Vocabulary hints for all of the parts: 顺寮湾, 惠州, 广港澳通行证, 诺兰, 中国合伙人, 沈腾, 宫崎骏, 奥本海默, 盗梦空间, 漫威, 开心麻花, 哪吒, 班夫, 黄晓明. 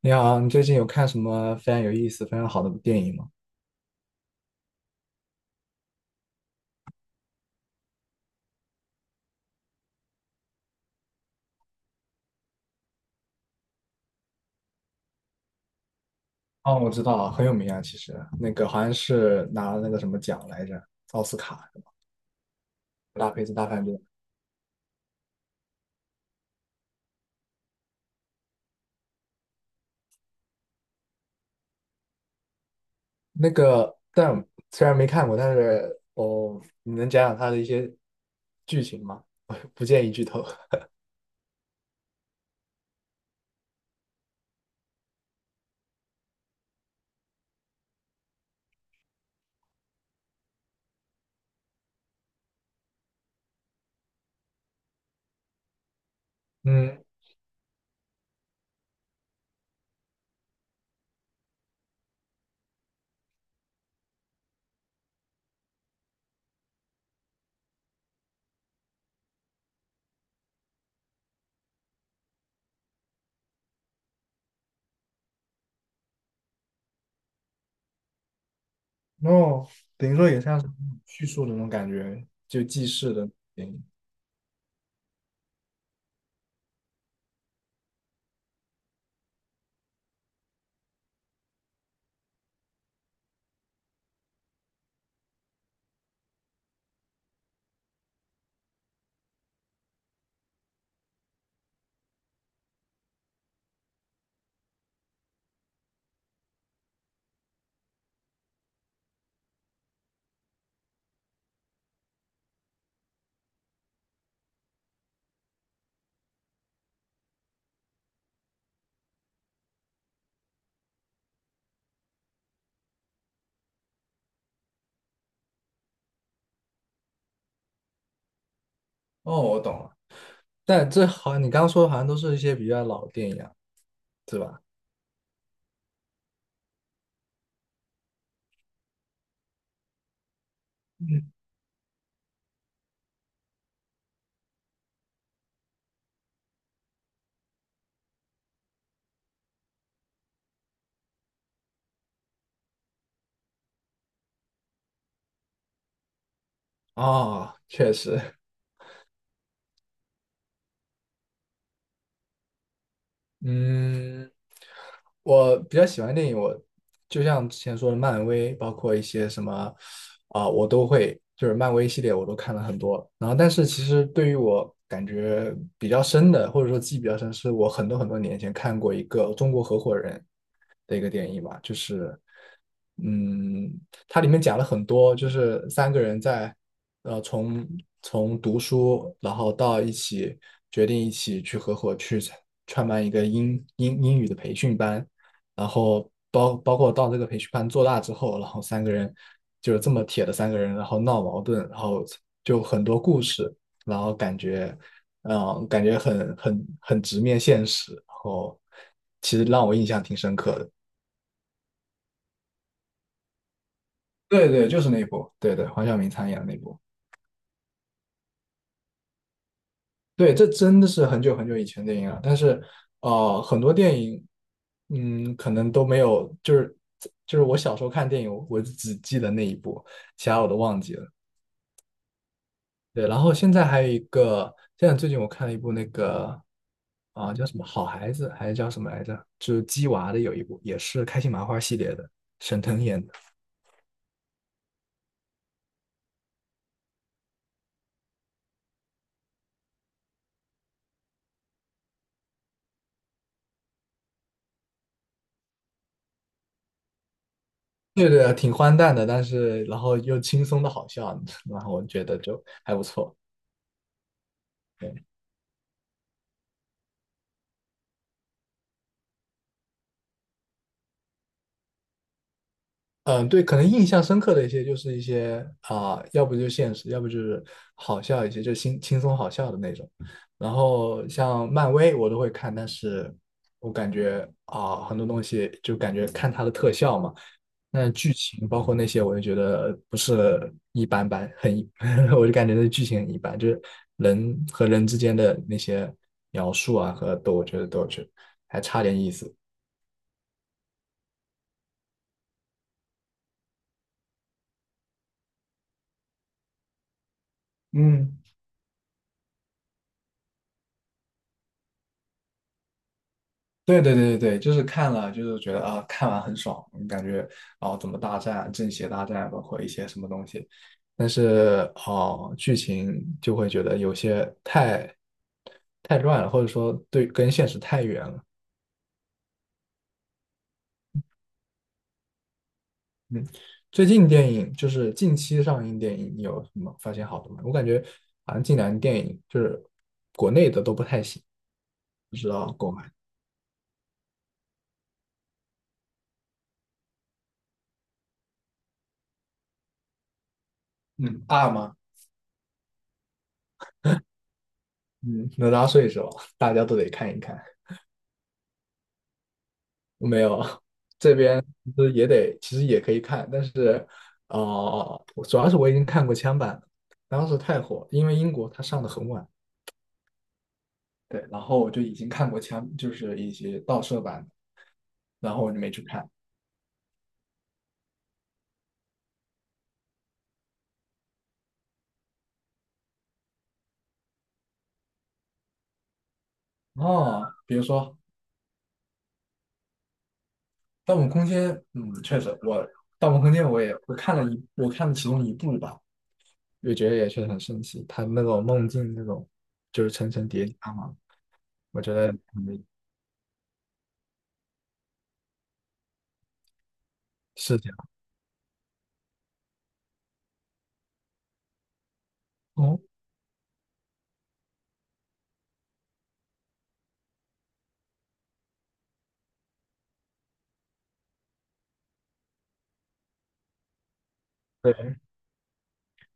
你好，你最近有看什么非常有意思、非常好的电影吗？哦，我知道，很有名啊，其实那个好像是拿了那个什么奖来着，奥斯卡《拉菲兹大饭店》。那个，但虽然没看过，但是哦，你能讲讲它的一些剧情吗？不建议剧透。嗯，哦，等于说也像是叙述的那种感觉，就记事的电影。哦，我懂了。但这好像你刚刚说的好像都是一些比较老的电影啊，对吧？嗯。哦，确实。嗯，我比较喜欢电影，我就像之前说的，漫威，包括一些什么我都会，就是漫威系列我都看了很多。然后，但是其实对于我感觉比较深的，或者说记忆比较深，是我很多很多年前看过一个中国合伙人的一个电影吧，就是嗯，它里面讲了很多，就是三个人在呃从从读书，然后到一起决定一起去合伙去创办一个英语的培训班，然后包括到这个培训班做大之后，然后三个人就是这么铁的三个人，然后闹矛盾，然后就很多故事，然后感觉感觉很直面现实，然后其实让我印象挺深刻的。对对，就是那一部，对对，黄晓明参演的那部。对，这真的是很久很久以前的电影了，但是，很多电影，嗯，可能都没有，就是就是我小时候看电影，我只记得那一部，其他我都忘记了。对，然后现在还有一个，现在最近我看了一部那个，叫什么《好孩子》还是叫什么来着？就是鸡娃的有一部，也是开心麻花系列的，沈腾演的。对对，挺荒诞的，但是然后又轻松的好笑，然后我觉得就还不错。嗯，对，可能印象深刻的一些就是一些要不就现实，要不就是好笑一些，就轻松好笑的那种。然后像漫威我都会看，但是我感觉很多东西就感觉看它的特效嘛，那剧情包括那些，我就觉得不是一般般，我就感觉那剧情很一般，就是人和人之间的那些描述啊和都，我觉得都是还差点意思。嗯，对对对对对，就是看了，就是觉得啊，看完很爽，感觉啊怎么大战、正邪大战，包括一些什么东西，但是哦，剧情就会觉得有些太乱了，或者说对跟现实太远了。嗯，最近电影就是近期上映电影，你有什么发现好的吗？我感觉好像近两年电影就是国内的都不太行。嗯，二吗？嗯，哪吒睡是吧？大家都得看一看。没有，这边其实也得，其实也可以看，但是，我主要是我已经看过枪版了当时太火，因为英国它上的很晚，对，然后我就已经看过枪，就是一些盗摄版的然后我就没去看。哦，比如说《盗梦空间》，嗯，确实，《盗梦空间》我看了一，我看了其中一部吧，也觉得也确实很神奇，它那种梦境那种就是层层叠加嘛。我觉得嗯视角，哦，对，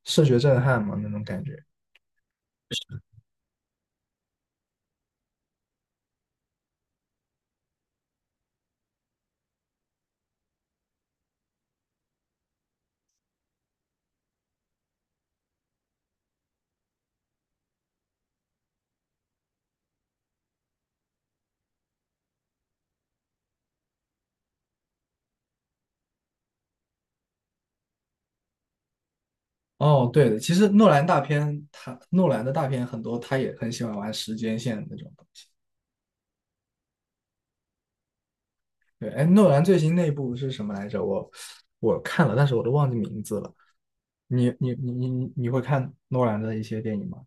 视觉震撼嘛那种感觉。哦，对的，其实诺兰大片，他诺兰的大片很多，他也很喜欢玩时间线那种东西。对，哎，诺兰最新那部是什么来着？我我看了，但是我都忘记名字了。你会看诺兰的一些电影吗？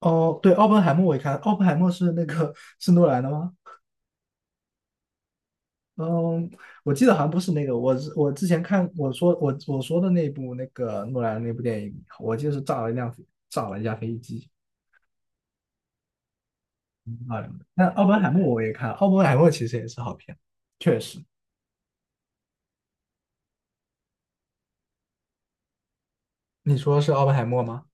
哦，对，奥本海默我也看，奥本海默是那个是诺兰的吗？嗯，我记得好像不是那个，我是我之前看我说我我说的那部那个诺兰的那部电影，我记得是炸了一架飞机。哎，那奥本海默我也看了，奥本海默其实也是好片。确实，你说是奥本海默吗？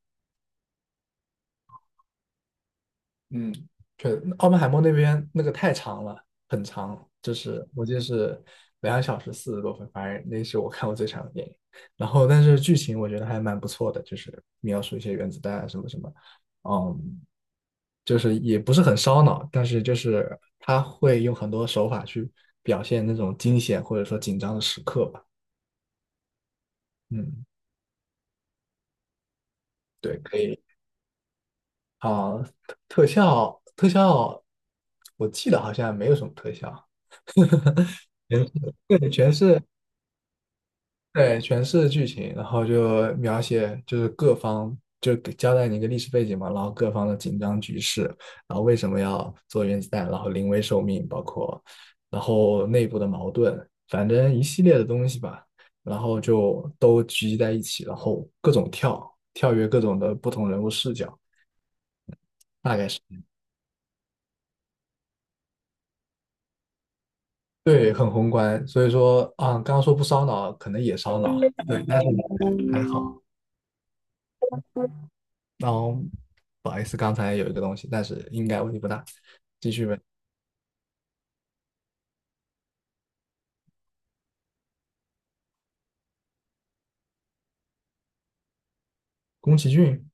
嗯，确实，《奥本海默那边那个太长了，很长，就是我记得是两小时四十多分，反正那是我看过最长的电影。然后，但是剧情我觉得还蛮不错的，就是描述一些原子弹啊什么什么，嗯，就是也不是很烧脑，但是就是他会用很多手法去表现那种惊险或者说紧张的时刻吧。嗯，对，可以。啊，特效，我记得好像没有什么特效，全对，对全是剧情，然后就描写就是各方就给交代你一个历史背景嘛，然后各方的紧张局势，然后为什么要做原子弹，然后临危受命，包括然后内部的矛盾，反正一系列的东西吧，然后就都聚集在一起，然后各种跳跃各种的不同人物视角。大概是。对，很宏观，所以说啊，刚刚说不烧脑，可能也烧脑，对，但是还好。然后不好意思，刚才有一个东西，但是应该问题不大。继续问，宫崎骏，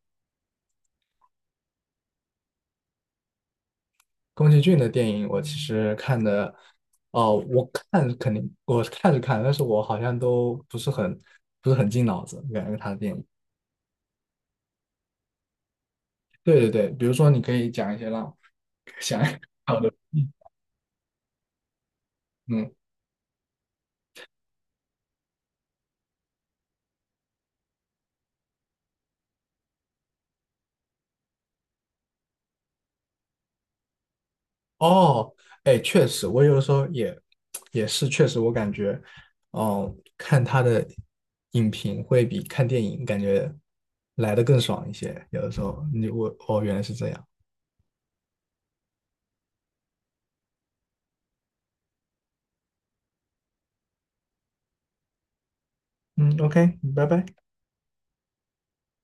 宫崎骏的电影我其实看的，哦、我看肯定我看着看，但是我好像都不是很不是很进脑子，感觉他的电影。对对对，比如说你可以讲一些让想 一想的，嗯，哦，哎，确实，我有的时候也是确实，我感觉，哦，看他的影评会比看电影感觉来的更爽一些。有的时候，哦，原来是这样。嗯，OK，拜拜。